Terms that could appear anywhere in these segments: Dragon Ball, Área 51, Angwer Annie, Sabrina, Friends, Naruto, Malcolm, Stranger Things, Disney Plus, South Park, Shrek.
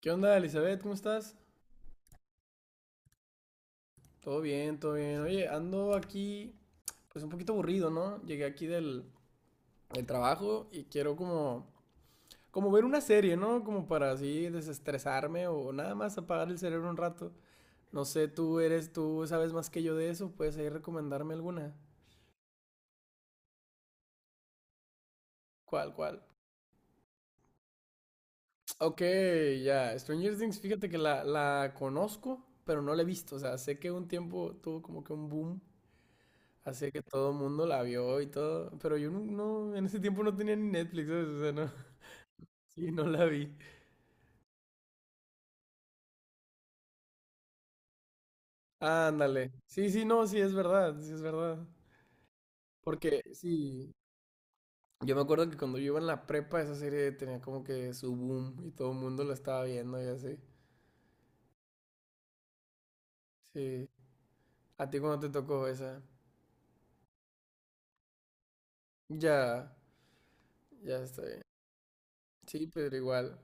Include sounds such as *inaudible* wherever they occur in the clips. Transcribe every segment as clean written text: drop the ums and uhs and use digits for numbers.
¿Qué onda, Elizabeth? ¿Cómo estás? Todo bien, todo bien. Oye, ando aquí, pues un poquito aburrido, ¿no? Llegué aquí del trabajo y quiero como, como ver una serie, ¿no? Como para así desestresarme o nada más apagar el cerebro un rato. No sé, tú eres, tú sabes más que yo de eso, puedes ahí recomendarme alguna. ¿Cuál, cuál? Ok, ya. Stranger Things, fíjate que la conozco, pero no la he visto. O sea, sé que un tiempo tuvo como que un boom. Así que todo el mundo la vio y todo. Pero yo no, en ese tiempo no tenía ni Netflix, ¿sabes? O sea, no. *laughs* Sí, no la vi. Ándale. Sí, sí, no, sí, es verdad, sí, es verdad. Porque sí, yo me acuerdo que cuando yo iba en la prepa, esa serie tenía como que su boom y todo el mundo la estaba viendo y así. Sí. ¿A ti cuando te tocó esa? Ya, ya está bien. Sí, pero igual.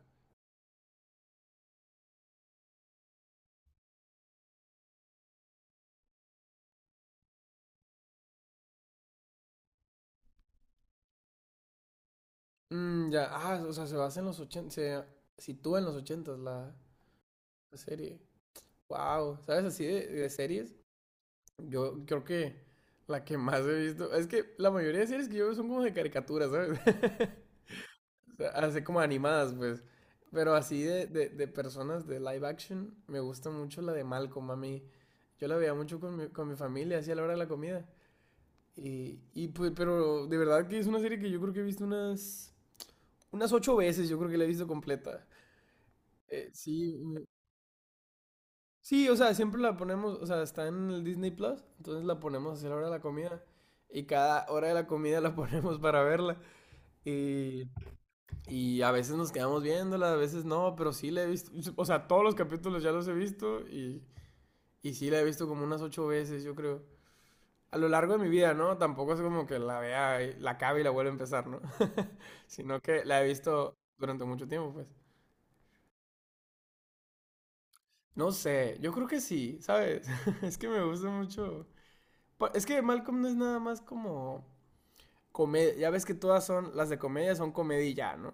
Mm, ya, ah, o sea, se basa en los ochenta, se sitúa en los ochentas la, la serie. Wow, ¿sabes así de series? Yo creo que la que más he visto, es que la mayoría de series que yo veo son como de caricaturas, ¿sabes? *laughs* O sea, así como animadas, pues. Pero así de personas de live action, me gusta mucho la de Malcolm, a mí. Yo la veía mucho con mi familia, así a la hora de la comida. Y pues, pero de verdad que es una serie que yo creo que he visto unas, unas ocho veces, yo creo que la he visto completa. Sí, sí, o sea, siempre la ponemos, o sea, está en el Disney Plus, entonces la ponemos a hacer la hora de la comida. Y cada hora de la comida la *laughs* ponemos para verla. Y, y a veces nos quedamos viéndola, a veces no, pero sí la he visto. O sea, todos los capítulos ya los he visto y sí la he visto como unas ocho veces, yo creo. A lo largo de mi vida, ¿no? Tampoco es como que la vea, y la acabe y la vuelva a empezar, ¿no? *laughs* Sino que la he visto durante mucho tiempo, pues. No sé, yo creo que sí, ¿sabes? *laughs* Es que me gusta mucho. Es que Malcolm no es nada más como comedia. Ya ves que todas son, las de comedia son comedia y ya, ¿no?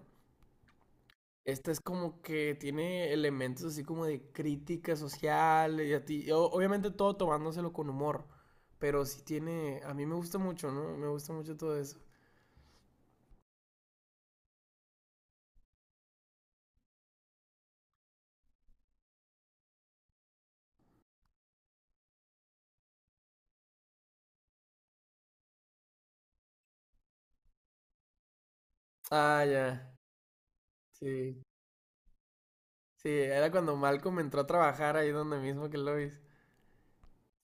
Esta es como que tiene elementos así como de crítica social y a ti. Obviamente todo tomándoselo con humor. Pero sí tiene. A mí me gusta mucho, ¿no? Me gusta mucho todo eso. Ah, ya. Sí. Sí, era cuando Malcolm entró a trabajar ahí donde mismo que Lois.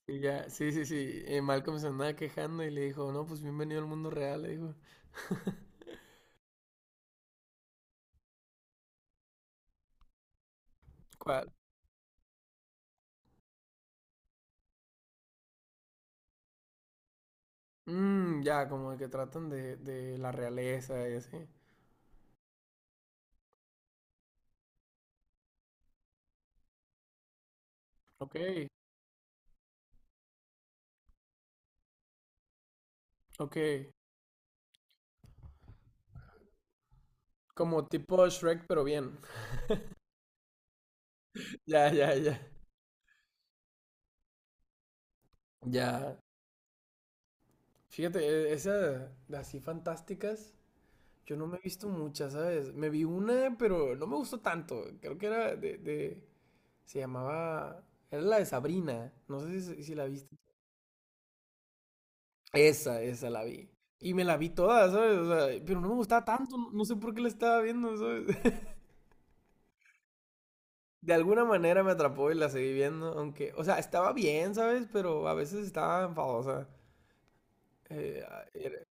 Y ya, sí, sí, sí. Malcolm se andaba quejando y le dijo, no, pues bienvenido al mundo real, le dijo. *laughs* ¿Cuál? Mm, ya, como que tratan de la realeza y así. Ok, ok. Como tipo Shrek, pero bien. *laughs* Ya, ya, ya. Ya. Fíjate, esas de así fantásticas, yo no me he visto muchas, ¿sabes? Me vi una, pero no me gustó tanto. Creo que era de, se llamaba, era la de Sabrina. No sé si, si la viste. Esa la vi. Y me la vi toda, ¿sabes? O sea, pero no me gustaba tanto, no no sé por qué la estaba viendo, ¿sabes? *laughs* De alguna manera me atrapó y la seguí viendo, aunque, o sea, estaba bien, ¿sabes? Pero a veces estaba enfadosa. Eh, era-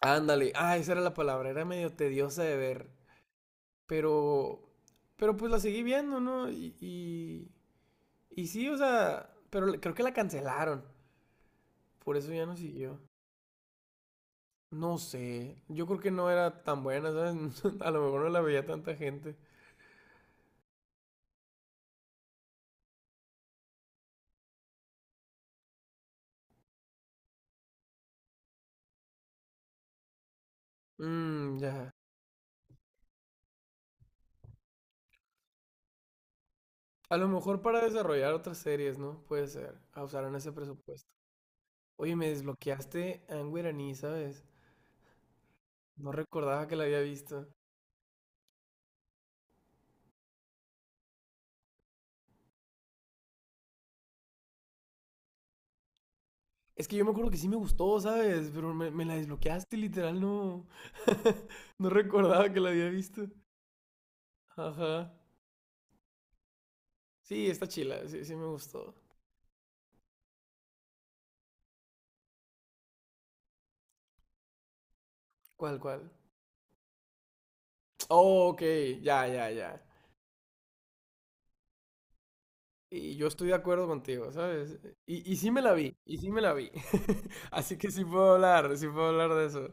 Ándale, ah, esa era la palabra, era medio tediosa de ver, pero, pero pues la seguí viendo, ¿no? Y sí, o sea, pero creo que la cancelaron, por eso ya no siguió. No sé, yo creo que no era tan buena, ¿sabes? *laughs* A lo mejor no la veía tanta gente. Mmm, ya. A lo mejor para desarrollar otras series, ¿no? Puede ser, ah, usaron ese presupuesto. Oye, me desbloqueaste Angwer Annie, ¿sabes? No recordaba que la había visto. Es que yo me acuerdo que sí me gustó, ¿sabes? Pero me la desbloqueaste, literal, no. *laughs* No recordaba que la había visto. Ajá. Sí, está chila, sí, sí me gustó. ¿Cuál, cuál? Oh, ok, ya, ya, ya. Y yo estoy de acuerdo contigo, ¿sabes? Y sí me la vi, y sí me la vi. *laughs* Así que sí puedo hablar de eso.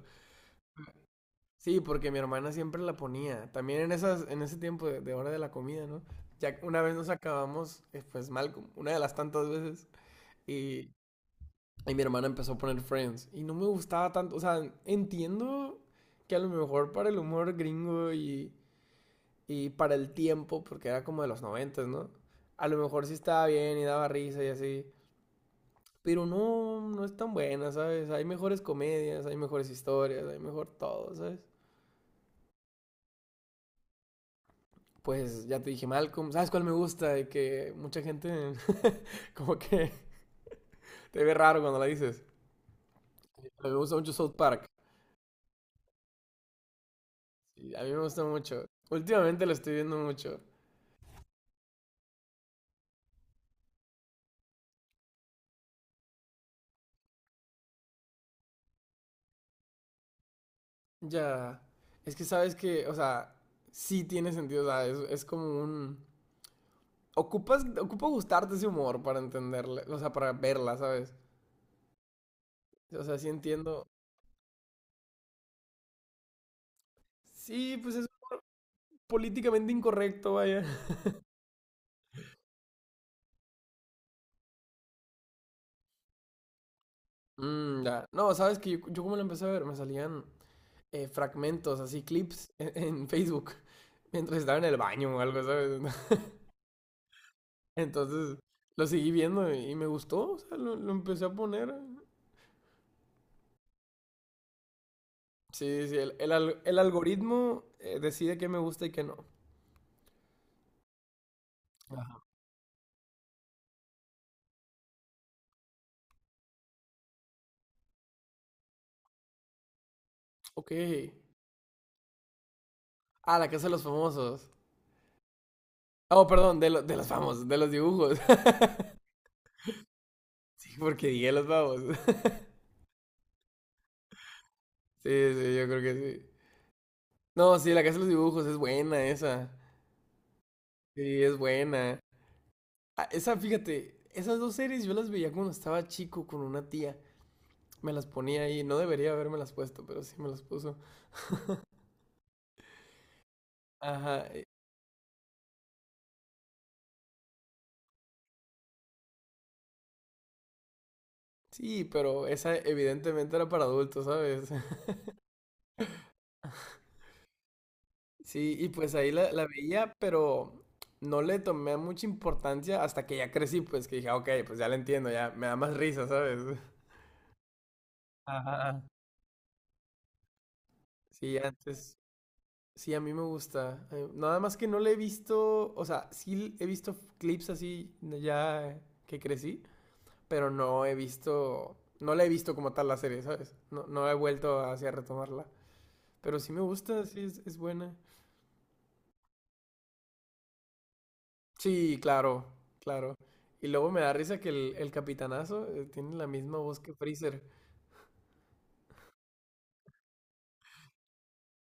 Sí, porque mi hermana siempre la ponía. También en esas, en ese tiempo de hora de la comida, ¿no? Ya una vez nos acabamos, pues mal, como una de las tantas veces, y, y mi hermana empezó a poner Friends. Y no me gustaba tanto. O sea, entiendo que a lo mejor para el humor gringo y para el tiempo, porque era como de los noventas, ¿no? A lo mejor sí estaba bien y daba risa y así. Pero no, no es tan buena, ¿sabes? Hay mejores comedias, hay mejores historias, hay mejor todo, ¿sabes? Pues ya te dije Malcolm, ¿sabes cuál me gusta? Y que mucha gente *laughs* como que te ve raro cuando la dices. Me gusta mucho South Park. Sí, a mí me gusta mucho. Últimamente lo estoy viendo mucho. Ya. Es que sabes que, o sea, sí tiene sentido. O sea, es como un. Ocupas, ocupa gustarte ese humor para entenderla, o sea, para verla, ¿sabes? O sea, sí entiendo. Sí, pues es políticamente incorrecto, vaya. Mm, ya. No, sabes que yo como lo empecé a ver, me salían fragmentos, así clips *laughs* en, Facebook, mientras estaba en el baño o algo, ¿sabes? *laughs* Entonces lo seguí viendo y me gustó, o sea, lo empecé a poner. Sí, sí, el, el algoritmo decide qué me gusta y qué no. Ajá. Ok. Ah, la casa de los famosos. Oh, perdón, de, de los famosos, de los dibujos. *laughs* Sí, porque dije los famosos. *laughs* Sí, sí, yo creo que sí. No, sí, la casa de los dibujos es buena esa. Sí, es buena. Ah, esa, fíjate, esas dos series yo las veía cuando estaba chico con una tía. Me las ponía ahí, no debería haberme las puesto, pero sí me las puso. Ajá, sí, pero esa evidentemente era para adultos, ¿sabes? *laughs* Sí, y pues ahí la, la veía, pero no le tomé mucha importancia hasta que ya crecí, pues que dije, "Ah, ok, pues ya la entiendo, ya me da más risa, ¿sabes? Ajá. Sí, antes, sí, a mí me gusta. Nada más que no le he visto, o sea, sí he visto clips así ya que crecí. Pero no he visto, no la he visto como tal la serie, ¿sabes? No, no he vuelto hacia retomarla, pero sí me gusta, sí es buena. Sí, claro, claro. Y luego me da risa que el capitanazo tiene la misma voz que Freezer.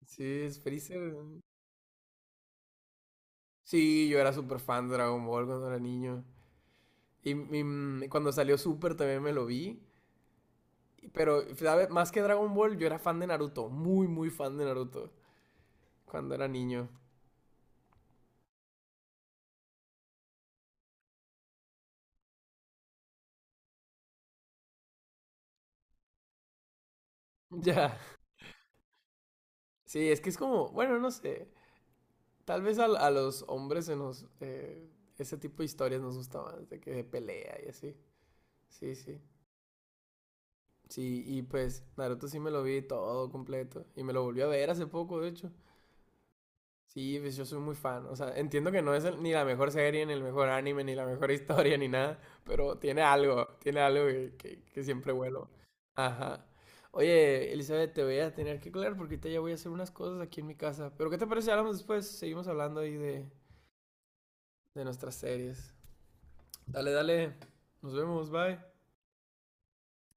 Sí, es Freezer. Mm. Sí, yo era súper fan de Dragon Ball cuando era niño. Y, mm, cuando salió Super también me lo vi. Pero, sabes más que Dragon Ball, yo era fan de Naruto. Muy, muy fan de Naruto. Cuando era niño. *laughs* Ya. Sí, es que es como, bueno, no sé. Tal vez a los hombres se nos, ese tipo de historias nos gusta más, de que de pelea y así. Sí, sí. Sí, y pues Naruto sí me lo vi todo completo. Y me lo volví a ver hace poco, de hecho. Sí, pues yo soy muy fan. O sea, entiendo que no es ni la mejor serie, ni el mejor anime, ni la mejor *laughs* historia, ni nada. Pero tiene algo que, que siempre vuelo. Ajá. Oye, Elizabeth, te voy a tener que colgar porque ahorita ya voy a hacer unas cosas aquí en mi casa. Pero ¿qué te parece si hablamos después? Seguimos hablando ahí de nuestras series. Dale, dale. Nos vemos, bye.